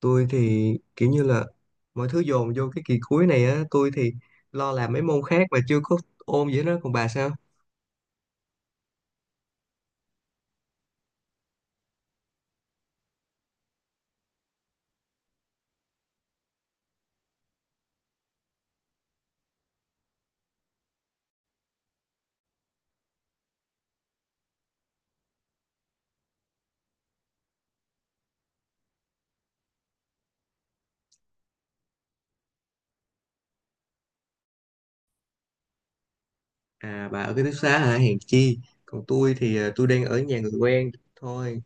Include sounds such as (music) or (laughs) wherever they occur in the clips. Tôi thì kiểu như là mọi thứ dồn vô cái kỳ cuối này á. Tôi lo làm mấy môn khác mà chưa có ôn gì đó. Còn bà sao? À, bà ở ký túc xá hả? Hèn chi. Còn tôi thì tôi đang ở nhà người quen thôi,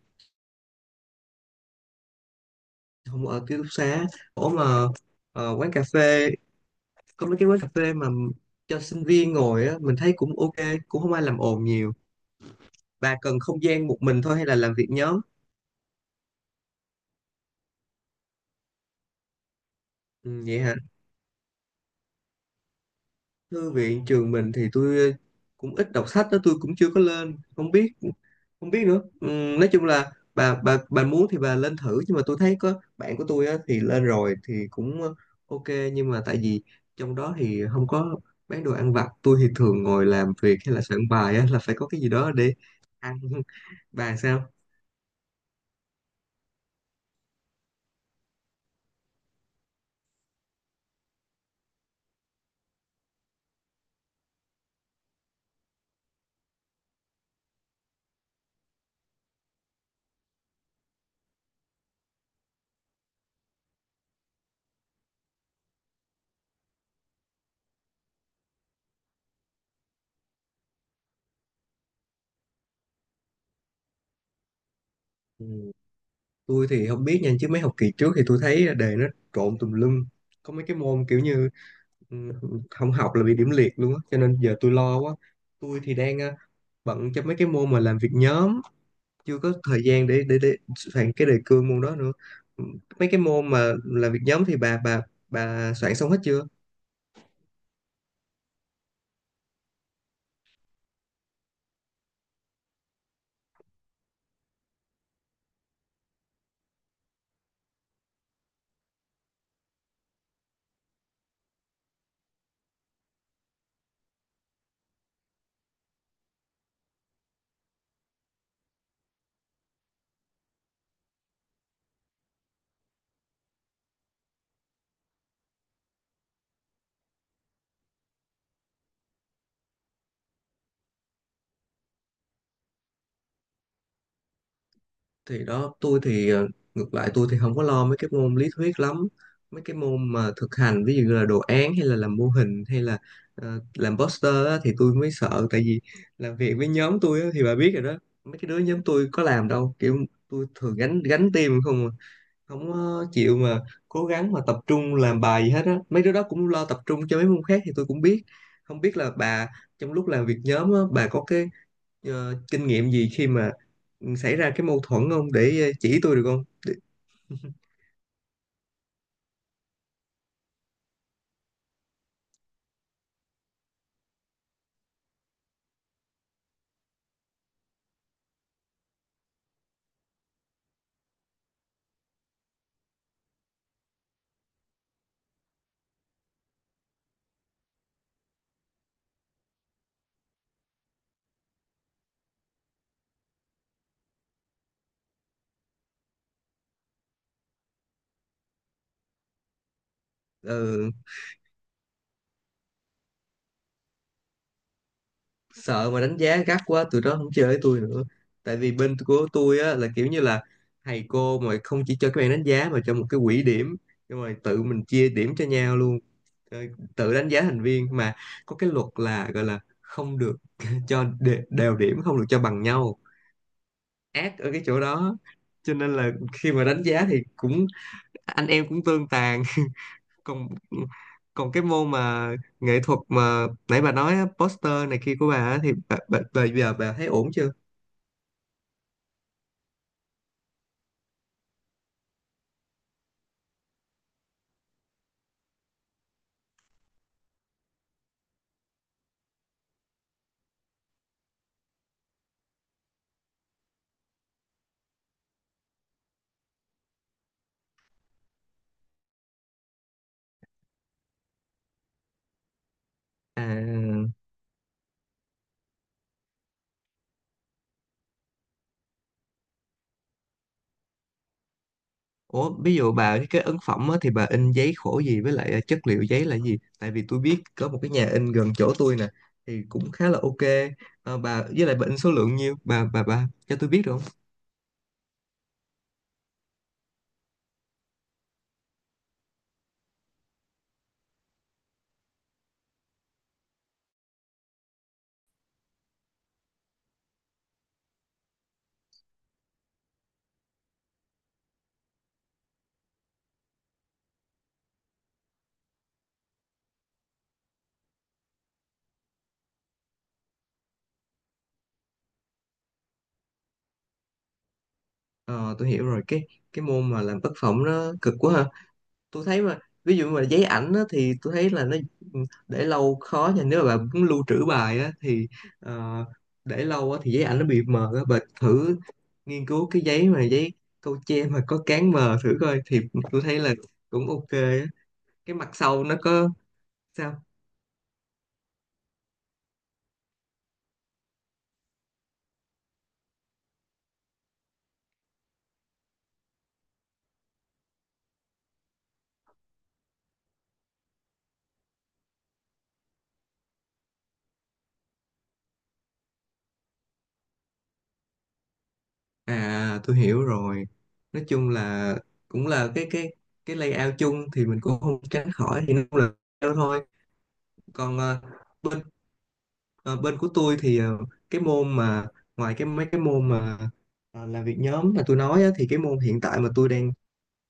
không ở ký túc xá. Ủa mà ờ, quán cà phê có mấy cái quán cà phê mà cho sinh viên ngồi á, mình thấy cũng ok, cũng không ai làm ồn nhiều. Bà cần không gian một mình thôi hay là làm việc nhóm? Ừ, vậy hả. Thư viện trường mình thì tôi cũng ít đọc sách đó, tôi cũng chưa có lên, không biết nữa. Nói chung là bà muốn thì bà lên thử, nhưng mà tôi thấy có bạn của tôi á, thì lên rồi thì cũng ok. Nhưng mà tại vì trong đó thì không có bán đồ ăn vặt, tôi thì thường ngồi làm việc hay là soạn bài á, là phải có cái gì đó để ăn (laughs) bà sao? Ừ, tôi thì không biết nha, chứ mấy học kỳ trước thì tôi thấy đề nó trộn tùm lum. Có mấy cái môn kiểu như, ừ, không học là bị điểm liệt luôn á, cho nên giờ tôi lo quá. Tôi thì đang bận cho mấy cái môn mà làm việc nhóm, chưa có thời gian để soạn cái đề cương môn đó nữa. Ừ, mấy cái môn mà làm việc nhóm thì bà soạn xong hết chưa? Thì đó, tôi thì ngược lại tôi thì không có lo mấy cái môn lý thuyết lắm. Mấy cái môn mà thực hành ví dụ như là đồ án hay là làm mô hình hay là làm poster á, thì tôi mới sợ. Tại vì làm việc với nhóm tôi á, thì bà biết rồi đó, mấy cái đứa nhóm tôi có làm đâu, kiểu tôi thường gánh gánh team không à. Không có chịu mà cố gắng mà tập trung làm bài gì hết á, mấy đứa đó cũng lo tập trung cho mấy môn khác thì tôi cũng biết. Không biết là bà trong lúc làm việc nhóm á, bà có cái kinh nghiệm gì khi mà xảy ra cái mâu thuẫn không, để chỉ tôi được không? Ờ, sợ mà đánh giá gắt quá tụi đó không chơi với tôi nữa. Tại vì bên của tôi á là kiểu như là thầy cô mà không chỉ cho các bạn đánh giá mà cho một cái quỹ điểm, xong rồi tự mình chia điểm cho nhau luôn. Ờ, tự đánh giá thành viên mà, có cái luật là gọi là không được (laughs) cho đều điểm, không được cho bằng nhau. Ác ở cái chỗ đó. Cho nên là khi mà đánh giá thì cũng anh em cũng tương tàn. Còn còn cái môn mà nghệ thuật mà nãy bà nói á, poster này kia của bà á, thì bà giờ bà thấy ổn chưa? À, ủa ví dụ bà cái ấn phẩm á, thì bà in giấy khổ gì, với lại à, chất liệu giấy là gì? Tại vì tôi biết có một cái nhà in gần chỗ tôi nè, thì cũng khá là ok. Ờ, bà với lại bà in số lượng nhiêu, bà cho tôi biết được không? Ờ tôi hiểu rồi, cái môn mà làm tác phẩm nó cực quá ha. Tôi thấy mà ví dụ mà giấy ảnh á, thì tôi thấy là nó ừ, để lâu khó nha. Nếu mà bạn muốn lưu trữ bài á, thì ờ, để lâu á, thì giấy ảnh nó bị mờ á. Bà thử nghiên cứu cái giấy mà giấy câu tre mà có cán mờ thử coi thì tôi thấy là cũng ok á. Cái mặt sau nó có sao? À tôi hiểu rồi, nói chung là cũng là cái layout chung thì mình cũng không tránh khỏi, thì nó cũng là layout thôi. Còn ờ, bên Ờ, bên của tôi thì cái môn mà ngoài cái mấy cái môn mà làm việc nhóm mà tôi nói á, thì cái môn hiện tại mà tôi đang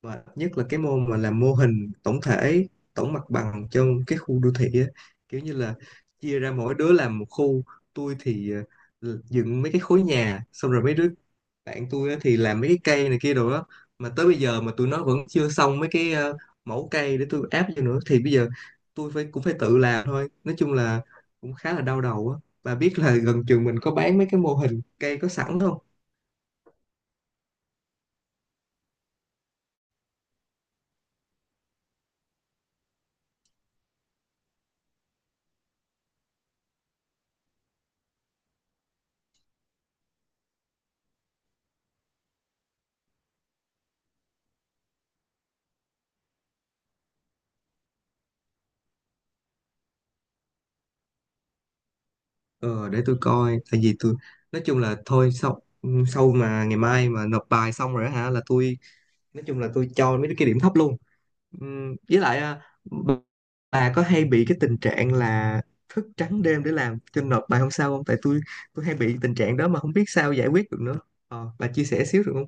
mệt nhất là cái môn mà làm mô hình tổng thể, tổng mặt bằng cho cái khu đô thị á. Kiểu như là chia ra mỗi đứa làm một khu, tôi thì dựng mấy cái khối nhà xong rồi mấy đứa bạn tôi á thì làm mấy cái cây này kia đồ đó. Mà tới bây giờ mà tụi nó vẫn chưa xong mấy cái mẫu cây để tôi áp vô nữa, thì bây giờ tôi phải cũng phải tự làm thôi. Nói chung là cũng khá là đau đầu á. Bà biết là gần trường mình có bán mấy cái mô hình cây có sẵn không? Ờ, để tôi coi. Tại vì tôi nói chung là thôi sau sau mà ngày mai mà nộp bài xong rồi á hả là tôi nói chung là tôi cho mấy cái điểm thấp luôn. Với lại à, bà có hay bị cái tình trạng là thức trắng đêm để làm cho nộp bài hôm sau không? Tại tôi hay bị tình trạng đó mà không biết sao giải quyết được nữa. Ờ, bà chia sẻ xíu được không?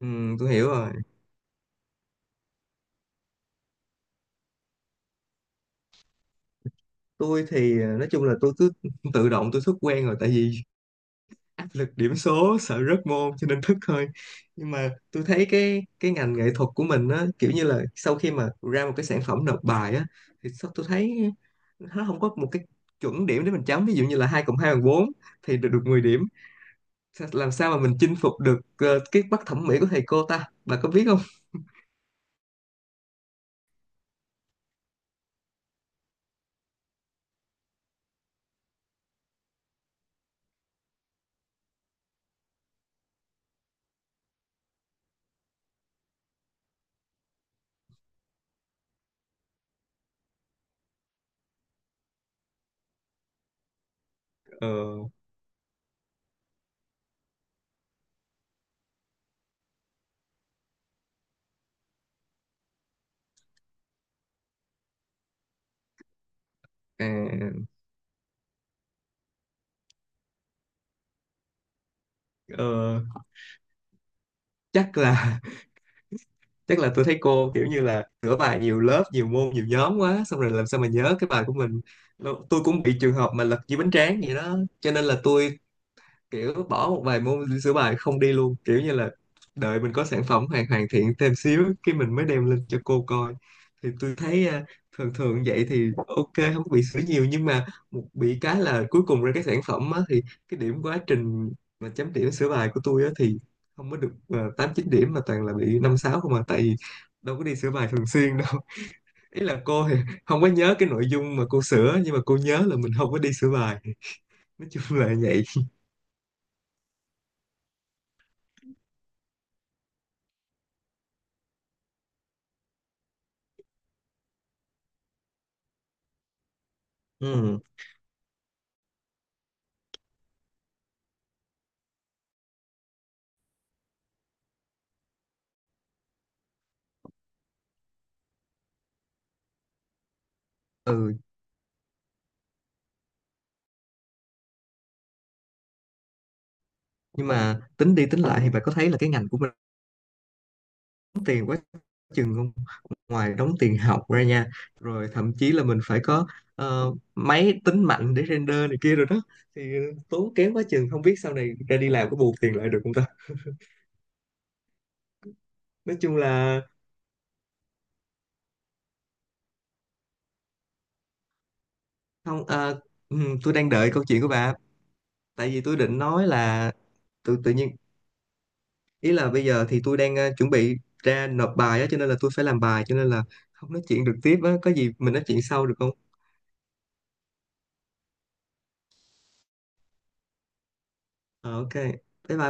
Tôi hiểu rồi. Tôi thì à, nói chung là tôi cứ tự động, tôi xuất quen rồi. Tại vì áp lực điểm số, sợ rớt môn cho nên thức thôi. Nhưng mà tôi thấy cái ngành nghệ thuật của mình á, kiểu như là sau khi mà ra một cái sản phẩm nộp bài á, thì sao tôi thấy nó không có một cái chuẩn điểm để mình chấm. Ví dụ như là hai cộng hai bằng bốn thì được được 10 điểm. Làm sao mà mình chinh phục được cái mắt thẩm mỹ của thầy cô ta, bà có biết không? Ờ, à, ờ, chắc là Tức là tôi thấy cô kiểu như là sửa bài nhiều lớp, nhiều môn, nhiều nhóm quá. Xong rồi làm sao mà nhớ cái bài của mình. Tôi cũng bị trường hợp mà lật dưới bánh tráng vậy đó. Cho nên là tôi kiểu bỏ một vài môn sửa bài không đi luôn, kiểu như là đợi mình có sản phẩm hoàn hoàn thiện thêm xíu cái mình mới đem lên cho cô coi. Thì tôi thấy à, thường thường vậy thì ok, không có bị sửa nhiều, nhưng mà một bị cái là cuối cùng ra cái sản phẩm á, thì cái điểm quá trình mà chấm điểm sửa bài của tôi á, thì không có được 8 9 điểm mà toàn là bị 5 6 không à. Tại vì đâu có đi sửa bài thường xuyên đâu. (laughs) Ý là cô thì không có nhớ cái nội dung mà cô sửa nhưng mà cô nhớ là mình không có đi sửa bài. Nói chung là vậy. Ừ. Ừ nhưng mà tính đi tính lại thì bạn có thấy là cái ngành của mình đóng tiền quá chừng không? Ngoài đóng tiền học ra nha, rồi thậm chí là mình phải có máy tính mạnh để render này kia rồi đó. Thì tốn kém quá chừng, không biết sau này ra đi làm có bù tiền lại được không ta. Nói chung là không tôi đang đợi câu chuyện của bà. Tại vì tôi định nói là tự tự nhiên ý là bây giờ thì tôi đang chuẩn bị ra nộp bài á, cho nên là tôi phải làm bài, cho nên là không nói chuyện được tiếp á. Có gì mình nói chuyện sau được không? Ờ, ok bye. Bye bà.